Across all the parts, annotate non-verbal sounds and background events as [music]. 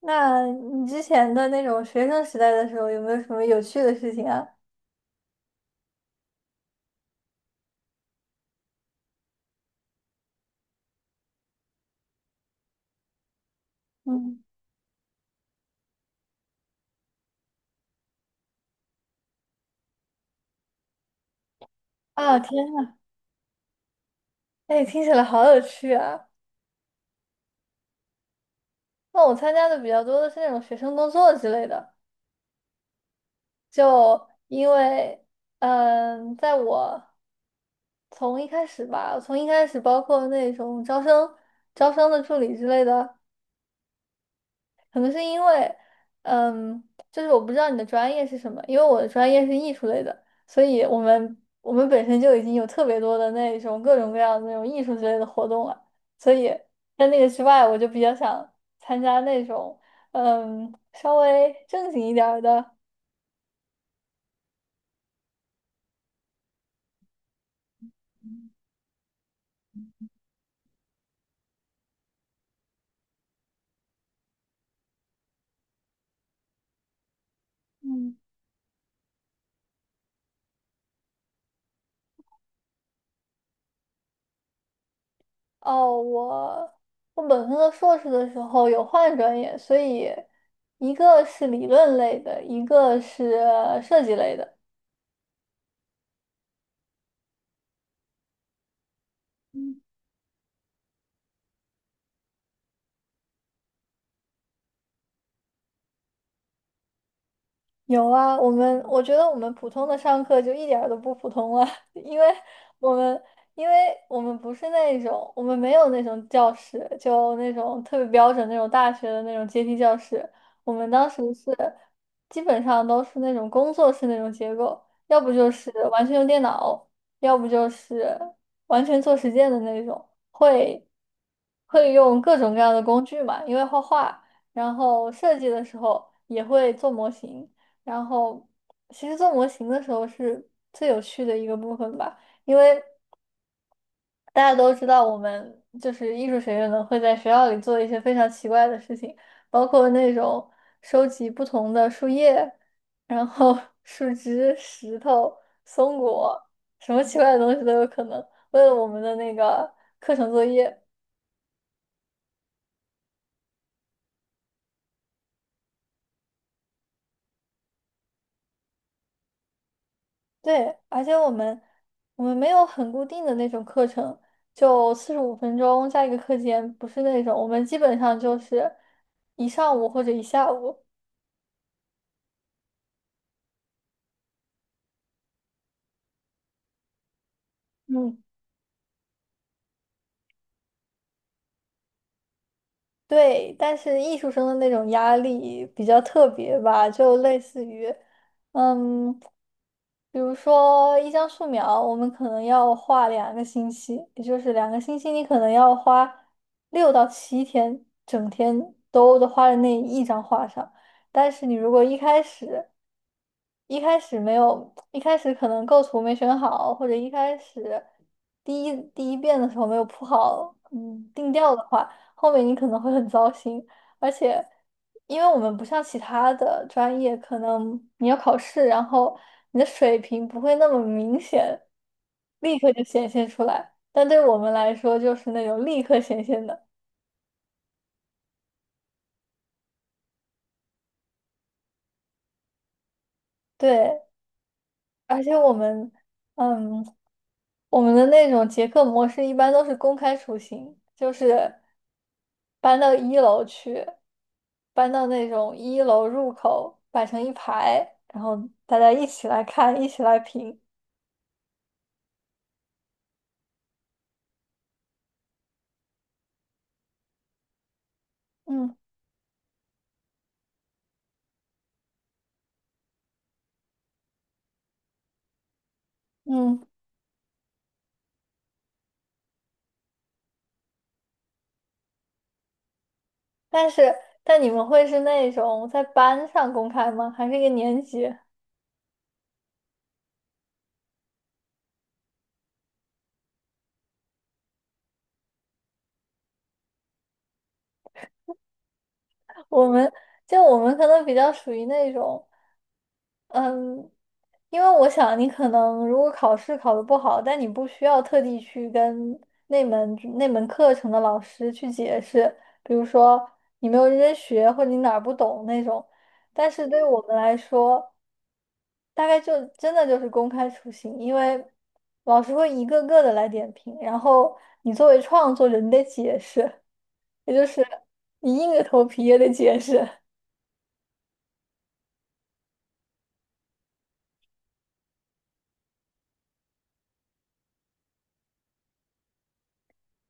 那你之前的那种学生时代的时候，有没有什么有趣的事情啊？嗯，啊，天呐，哎，听起来好有趣啊！那我参加的比较多的是那种学生工作之类的，就因为，在我从一开始包括那种招生的助理之类的，可能是因为，嗯，就是我不知道你的专业是什么。因为我的专业是艺术类的，所以我们本身就已经有特别多的那种各种各样的那种艺术之类的活动了，所以在那个之外，我就比较想参加那种，稍微正经一点儿的。嗯，哦，我本科和硕士的时候有换专业，所以一个是理论类的，一个是设计类的。嗯，有啊，我觉得我们普通的上课就一点儿都不普通了，[laughs] 因为我们因为我们不是那种，我们没有那种教室，就那种特别标准那种大学的那种阶梯教室。我们当时是基本上都是那种工作室那种结构，要不就是完全用电脑，要不就是完全做实践的那种，会用各种各样的工具嘛，因为画画，然后设计的时候也会做模型。然后其实做模型的时候是最有趣的一个部分吧，因为大家都知道我们就是艺术学院的会在学校里做一些非常奇怪的事情，包括那种收集不同的树叶，然后 [laughs] 树枝、石头、松果，什么奇怪的东西都有可能，为了我们的那个课程作业。对，而且我们，我们没有很固定的那种课程，就45分钟加一个课间，不是那种，我们基本上就是一上午或者一下午。嗯，对，但是艺术生的那种压力比较特别吧，就类似于，嗯，比如说一张素描，我们可能要画两个星期，也就是两个星期，你可能要花6到7天，整天都花在那一张画上。但是你如果一开始没有，一开始可能构图没选好，或者一开始第一遍的时候没有铺好，定调的话，后面你可能会很糟心。而且，因为我们不像其他的专业，可能你要考试，然后你的水平不会那么明显，立刻就显现出来。但对我们来说，就是那种立刻显现的。对，而且嗯。我们的那种结课模式一般都是公开处刑，就是搬到一楼去，搬到那种一楼入口摆成一排，然后大家一起来看，一起来评。嗯嗯，但是你们会是那种在班上公开吗？还是一个年级？我们我们可能比较属于那种。嗯，因为我想你可能如果考试考得不好，但你不需要特地去跟那门课程的老师去解释，比如说你没有认真学或者你哪儿不懂那种。但是对于我们来说，大概就真的就是公开处刑，因为老师会一个个的来点评，然后你作为创作者，你得解释，也就是你硬着头皮也得解释。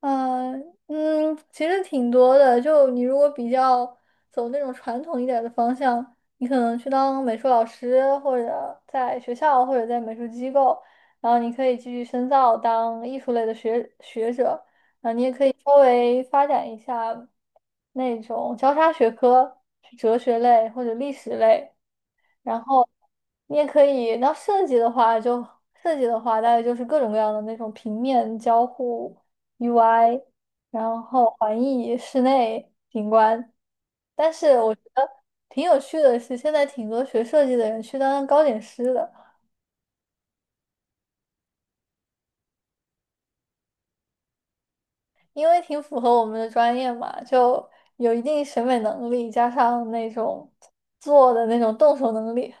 嗯嗯，其实挺多的。就你如果比较走那种传统一点的方向，你可能去当美术老师，或者在学校，或者在美术机构，然后你可以继续深造当艺术类的学者。啊，你也可以稍微发展一下那种交叉学科，去哲学类或者历史类。然后你也可以，那设计的话，大概就是各种各样的那种平面交互 UI，然后环艺室内景观。但是我觉得挺有趣的是，现在挺多学设计的人去当糕点师的，因为挺符合我们的专业嘛，就有一定审美能力，加上那种做的那种动手能力。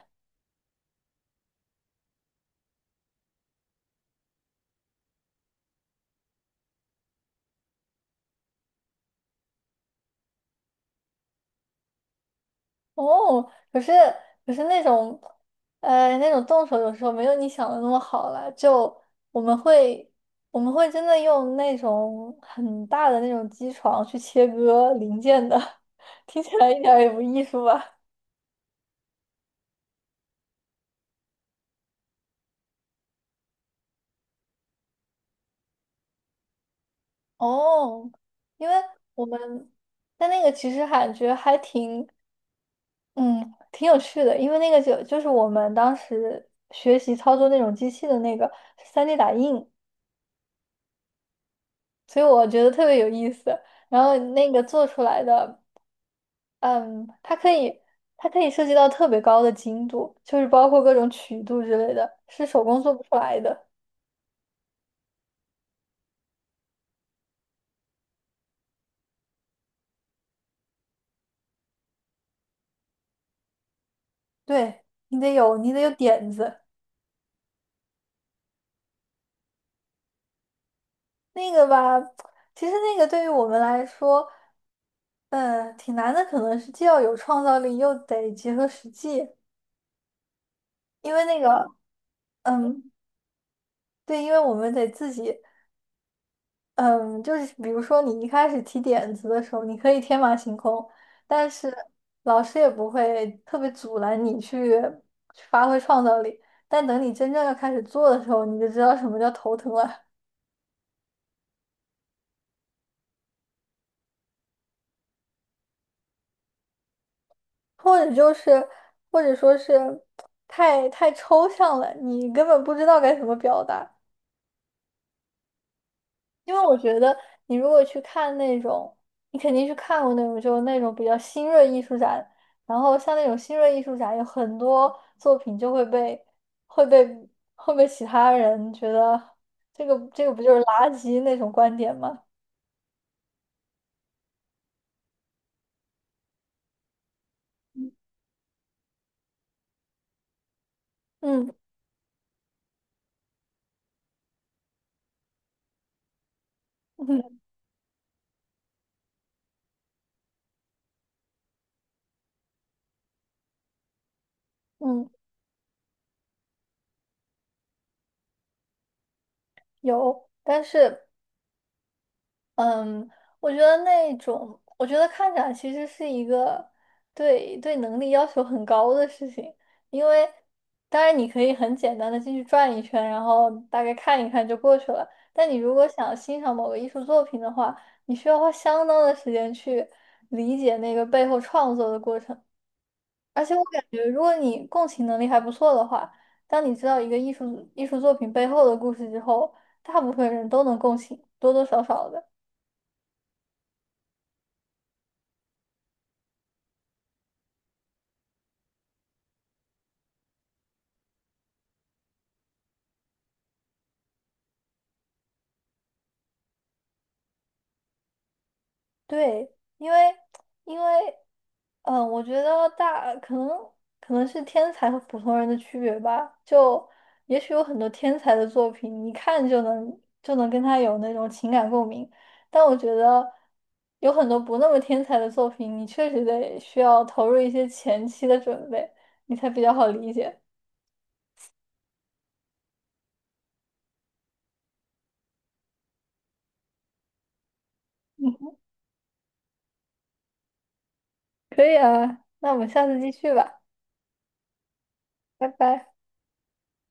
哦，可是那种，那种动手有时候没有你想的那么好了。就我们会我们会真的用那种很大的那种机床去切割零件的，[laughs] 听起来一点儿也不艺术吧？哦，因为我们但那个其实感觉还挺有趣的，因为那个就是我们当时学习操作那种机器的那个是3D 打印。所以我觉得特别有意思。然后那个做出来的，嗯，它可以，它可以涉及到特别高的精度，就是包括各种曲度之类的，是手工做不出来的。对，你得有，你得有点子。那个吧，其实那个对于我们来说，嗯，挺难的，可能是既要有创造力，又得结合实际，因为那个，嗯，对，因为我们得自己。嗯，就是比如说你一开始提点子的时候，你可以天马行空，但是老师也不会特别阻拦你去去发挥创造力。但等你真正要开始做的时候，你就知道什么叫头疼了，或者就是或者说是太抽象了，你根本不知道该怎么表达。因为我觉得你如果去看那种，你肯定是看过那种，就是那种比较新锐艺术展，然后像那种新锐艺术展，有很多作品就会被会被其他人觉得这个不就是垃圾那种观点吗？嗯嗯 [laughs] 嗯，有，但是。嗯，我觉得那种，我觉得看展其实是一个对能力要求很高的事情，因为当然你可以很简单的进去转一圈，然后大概看一看就过去了。但你如果想欣赏某个艺术作品的话，你需要花相当的时间去理解那个背后创作的过程。而且我感觉，如果你共情能力还不错的话，当你知道一个艺术作品背后的故事之后，大部分人都能共情，多多少少的。对，因为，我觉得可能是天才和普通人的区别吧。就也许有很多天才的作品，一看就能跟他有那种情感共鸣，但我觉得有很多不那么天才的作品，你确实得需要投入一些前期的准备，你才比较好理解。[laughs] 嗯，可以啊，那我们下次继续吧，拜拜。